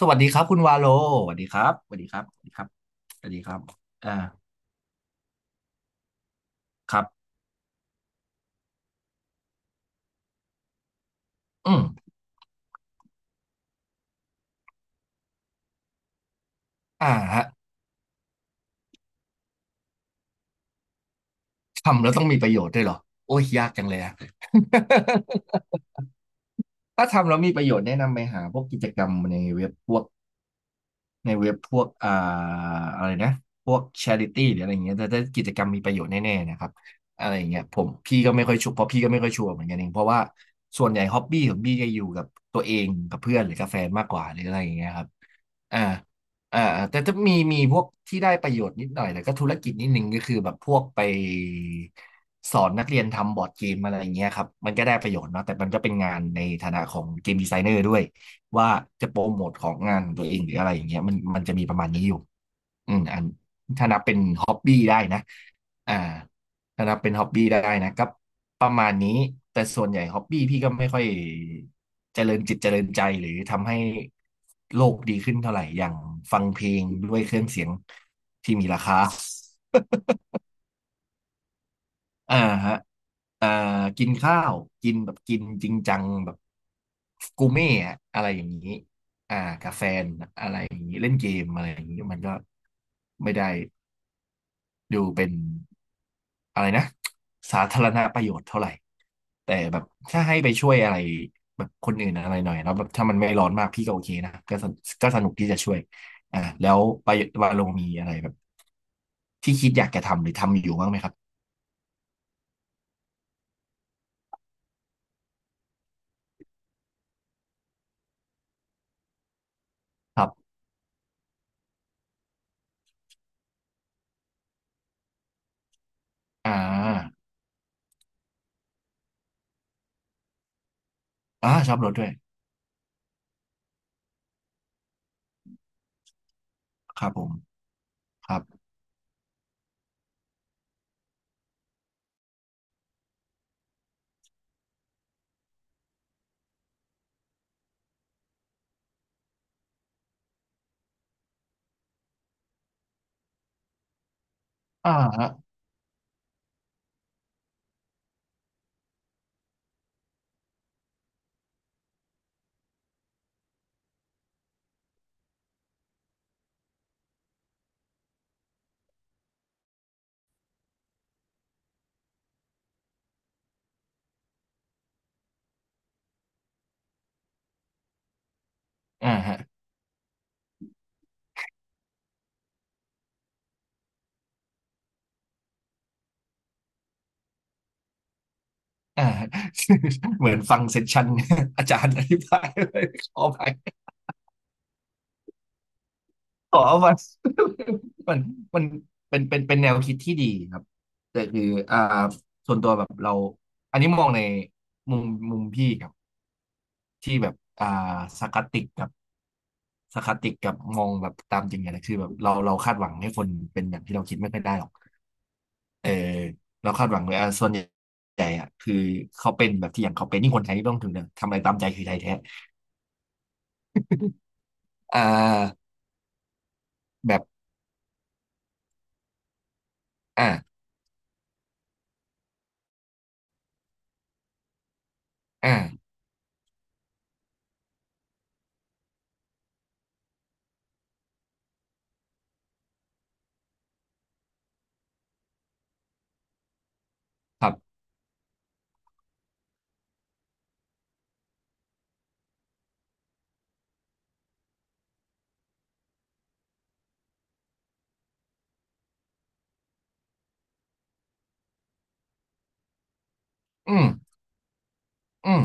สวัสดีครับคุณวาโลสวัสดีครับสวัสดีครับสวัสดีครับสวัสดีครับอ่าครับอืมอ่าฮะทำแล้วต้องมีประโยชน์ด้วยเหรอโอ้ยยากจังเลยอะ ถ้าทำแล้วมีประโยชน์แนะนำไปหาพวกกิจกรรมในเว็บพวกในเว็บพวกอ่าอะไรนะพวก charity หรืออะไรอย่างเงี้ยแต่ถ้ากิจกรรมมีประโยชน์แน่ๆนะครับอะไรอย่างเงี้ยผมพี่ก็ไม่ค่อยชัวร์เพราะพี่ก็ไม่ค่อยชัวร์เหมือนกันเองเพราะว่าส่วนใหญ่ฮ็อบบี้ของพี่จะอยู่กับตัวเองกับเพื่อนหรือกับแฟนมากกว่าหรืออะไรอย่างเงี้ยครับ อ่าอ่าแต่จะมีพวกที่ได้ประโยชน์นิดหน่อยแต่ก็ธุรกิจนิดนึงก็คือแบบพวกไปสอนนักเรียนทำบอร์ดเกมอะไรอย่างเงี้ยครับมันก็ได้ประโยชน์เนาะแต่มันก็เป็นงานในฐานะของเกมดีไซเนอร์ด้วยว่าจะโปรโมทของงานของตัวเองหรืออะไรอย่างเงี้ยมันจะมีประมาณนี้อยู่อืมอันถ้านับเป็นฮ็อบบี้ได้นะอ่า ถ้านับเป็นฮ็อบบี้ได้นะก็ประมาณนี้แต่ส่วนใหญ่ฮ็อบบี้พี่ก็ไม่ค่อยเจริญจิตเจริญใจหรือทำให้โลกดีขึ้นเท่าไหร่อย่างฟังเพลงด้วยเครื่องเสียงที่มีราคาอ่าฮะอ่ากินข้าวกินแบบกินจริงจังแบบกูเม่อะอะไรอย่างนี้อ่ากาแฟนอะไรอย่างนี้เล่นเกมอะไรอย่างนี้มันก็ไม่ได้ ดูเป็นอะไรนะสาธารณประโยชน์เท่าไหร่แต่แบบถ้าให้ไปช่วยอะไรแบบคนอื่นอะไรหน่อยแล้วแบบถ้ามันไม่ร้อนมากพี่ก็โอเคนะก็สนุกที่จะช่วยอ่าแล้วไปวาโลมีอะไรแบบที่คิดอยากจะทำหรือทำอยู่บ้างไหมครับครับอ่าอ่าชอบรถด้วยครับผมครับอ่าฮะอ่าฮะอ่าฮะ เหมือนฟังเซสชั่น อาจารย์อธิบายเลย ขอไป อ๋อมัน มันมันเป็นแนวคิดที่ดีครับแต่คืออ่าส่วนตัวแบบเราอันนี้มองในมุมมุมพี่ครับที่แบบอ่าสารคาสติกกับสารคาสติกกับมองแบบตามจริงเนี่ยนะคือแบบเราคาดหวังให้คนเป็นอย่างที่เราคิดไม่ค่อยได้หรอกเออเราคาดหวังเลยอ่าส่วนใหญ่อะคือเขาเป็นแบบที่อย่างเขาเป็นนี่คนไทยนี่ไม่ต้องถึงเนี่ยทำอะไรตามใจคือไทยแท้อ่าแบบอ่าอ่าครับอืมอืม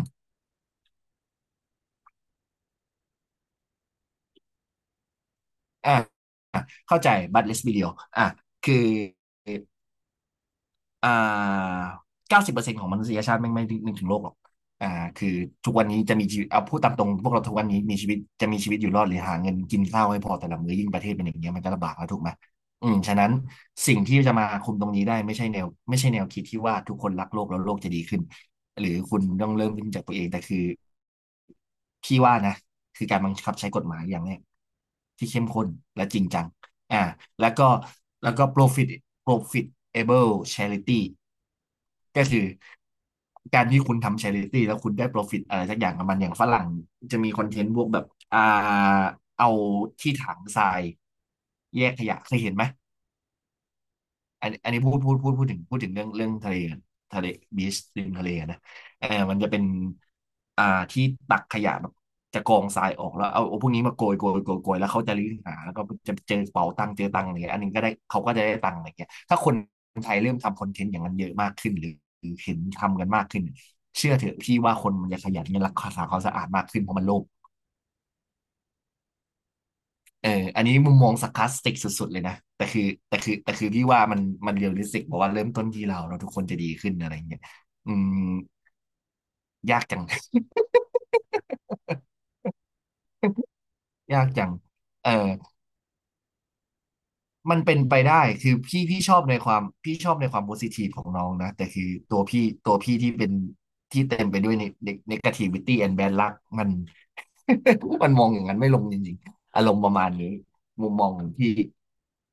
อ่า เข้าใจ but let's be real อ่ะคืออ่า90%ของมนุษยชาติไม่นึกถึงโลกหรอกอ่าคือทุกวันนี้จะมีชีวิตเอาพูดตามตรงพวกเราทุกวันนี้มีชีวิตจะมีชีวิตอยู่รอดหรือหาเงินกินข้าวให้พอแต่ละมื้อยิ่งประเทศเป็นอย่างเงี้ยมันก็ลำบากแล้วถูกไหมอืมฉะนั้นสิ่งที่จะมาคุมตรงนี้ได้ไม่ใช่แนวคิดที่ว่าทุกคนรักโลกแล้วโลกจะดีขึ้นหรือคุณต้องเริ่มขึ้นจากตัวเองแต่คือพี่ว่านะคือการบังคับใช้กฎหมายอย่างเนี้ยที่เข้มข้นและจริงจัง อ่าแล้วก็แล้วก็ profit profitable charity ก็คือการที่คุณทำ charity แล้วคุณได้ profit อะไรสักอย่างกับมันอย่างฝรั่งจะมีคอนเทนต์พวกแบบอ่าเอาที่ถังทรายแยกขยะเคยเห็นไหม อันนี้พูดถึงเรื่องทะเลกันทะเลบีชริมทะเลนะเออมันจะเป็นอ่าที่ตักขยะแบบจะกองทรายออกแล้วเอาพวกนี้มาโกยแล้วเขาจะรื้อหาแล้วก็จะเจอเป๋าตังค์เจอตังค์อะไรเงี้ยอันนี้ก็ได้เขาก็จะได้ตังค์อะไรเงี้ยถ้าคนไทยเริ่มทำคอนเทนต์อย่างนั้นเยอะมากขึ้นหรือหรือเห็นทำกันมากขึ้นเชื่อเถอะพี่ว่าคนมันจะขยันและรักษาความสะอาดมากขึ้นเพราะมันโลภ เอออันนี้มุมมอง sarcastic สุดๆเลยนะแต่คือพี่ว่ามันมันเรียลลิสติกบอกว่าเริ่มต้นที่เราเราทุกคนจะดีขึ้นอะไรอย่างเงี้ยอืมยากจัง ยากจังเออมันเป็นไปได้คือพี่พี่ชอบในความพี่ชอบในความโพซิทีฟของน้องนะแต่คือตัวพี่ที่เป็นที่เต็มไปด้วยในในกาทีวิตี้แอนด์แบดลักมัน มันมองอย่างนั้นไม่ลงจริงๆอารมณ์ประมาณนี้มุมมองของพี่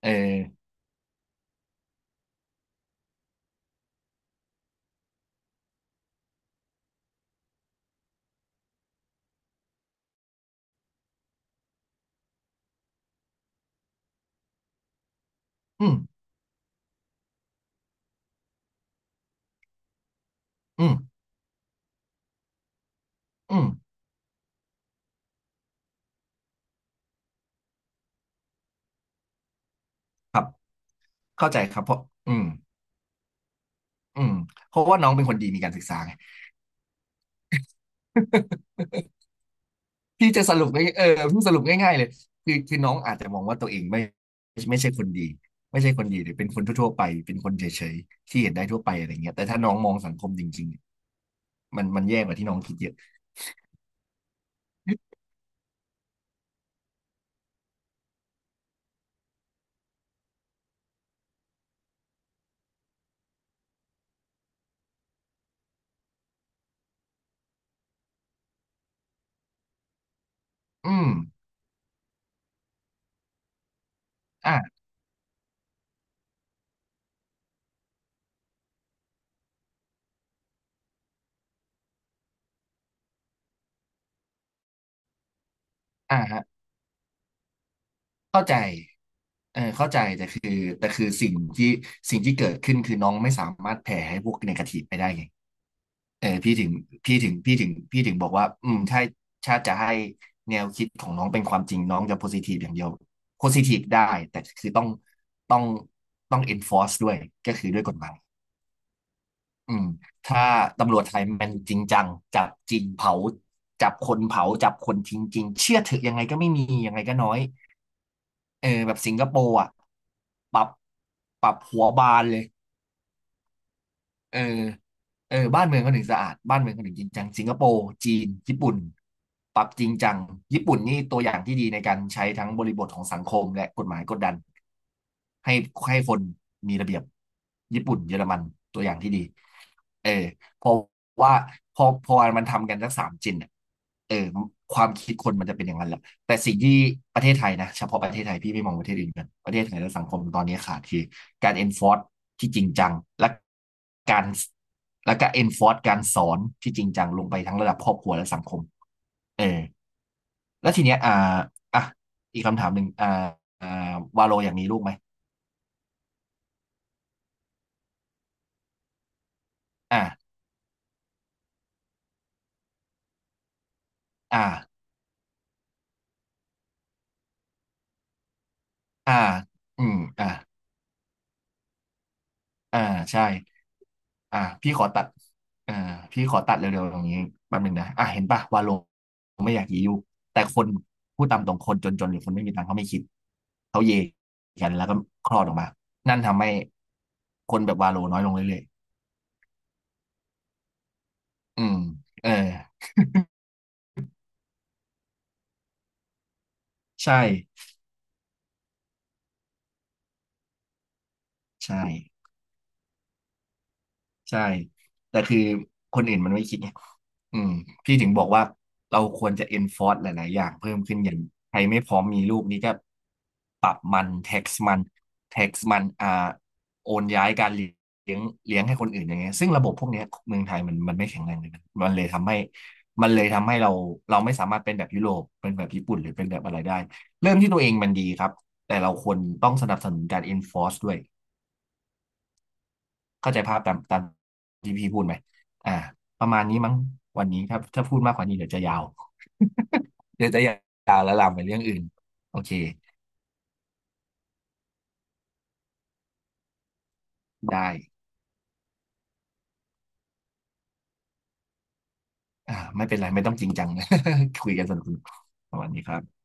เอออืมอืมอืมครับเข้าใจครับเพราะอืม อืมเพราะว่าน้องเป็นคนดีมีการศึกษาไง พี่จะสรุปง่ายพี่สรุปง่ายๆเลยคือน้องอาจจะมองว่าตัวเองไม่ใช่คนดีหรือเป็นคนทั่วๆไปเป็นคนเฉยๆที่เห็นได้ทั่วไปอะไรเงี้ยแต่ถ้าน้องมองสังคมจริงๆมันแย่กว่าที่น้องคิดเยอะอืมอ่าอ่าฮะเข้าใจเออเข้าใจแต่คือสิ่งที่เกิดขึ้นคือน้องไม่สามารถแผ่ให้พวกเนกาทีฟไปได้ไง เออพี่ถึงบอกว่าถ้าติจะให้แนวคิดของน้องเป็นความจริงน้องจะโพซิทีฟอย่างเดียวโพซิทีฟได้แต่คือต้องต้อง enforce ด้วยก็คือด้วยกฎหมายอืมถ้าตำรวจไทยมันจริงจังจับจริงเผาจับคนเผาจับคนทิ้งจริงเชื่อถือยังไงก็ไม่มียังไงก็น้อยเออแบบสิงคโปร์อ่ะปรับปรับหัวบานเลย เออเออบ้านเมืองเขาถึงสะอาด บ้านเมืองเขาถึงจริงจังสิงคโปร์จีน ญี่ปุ่น ปรับจริงจัง ญี่ปุ่นนี่ตัวอย่างที่ดีในการใช้ทั้งบริบทของสังคมและกฎหมายกดดันให้ให้คนมีระเบียบญี่ปุ่นเยอรมันตัวอย่างที่ดีเออเพราะว่าพอมันทำกันสักสามจินอะเออความคิดคนมันจะเป็นอย่างนั้นแหละแต่สิ่งที่ประเทศไทยนะเฉพาะประเทศไทยพี่ไม่มองประเทศอื่นกันประเทศไทยและสังคมตอนนี้ขาดคือ การ enforce ที่จริงจังและการและก็ enforce การสอนที่จริงจังลงไปทั้งระดับครอบครัวและสังคมเออแล้วทีเนี้ยอ่าอ่ะอีกคำถามหนึ่งวาโลอยากมีลูกไหมอ่าอ่าอ่าอืมอ่าอ่าใช่ อ่ะพี่ขอตัดอ่าพี่ขอตัดเร็วๆตรงนี้แป๊บหนึงนะอ่ะเห็นปะวาโลไม่อยากยียุแต่คนพูดตามตรงคนจนๆหรือคนไม่มีตังค์เขาไม่คิดเขาเยกันแล้วก็คลอดออกมานั่นทำให้คนแบบวาโลน้อยลงเรื่อยๆอืมเออใช่ใช่ ใช่ แต่คือคนอื่นมันไม่คิดไงอืมพี่ถึงบอกว่าเราควรจะ enforce หลายๆ อย่างเพิ่มขึ้นอย่างใครไม่พร้อมมีลูกนี่ก็ปรับมัน tax มัน tax มันอ่าโอนย้ายการเลี้ยงเลี้ยงให้คนอื่นอย่างเงี้ยซึ่งระบบพวกเนี้ยเมืองไทยมันไม่แข็งแรงเลยมันเลยทำให้เราเราไม่สามารถเป็นแบบยุโรปเป็นแบบญี่ปุ่นหรือเป็นแบบอะไรได้เริ่มที่ตัวเองมันดีครับแต่เราควรต้องสนับสนุนการ enforce ด้วย เข้าใจภาพตามที่พี่พูดไหมอ่าประมาณนี้มั้งวันนี้ถ้าพูดมากกว่านี้เดี๋ยวจะยาว เดี๋ยวจะยาวแล้วลามไปเรื่องอื่น โอเค ได้อ่าไม่เป็นไร ไม่ต้องจริงจัง คุยกันสนุกๆประมาณนี้ครับ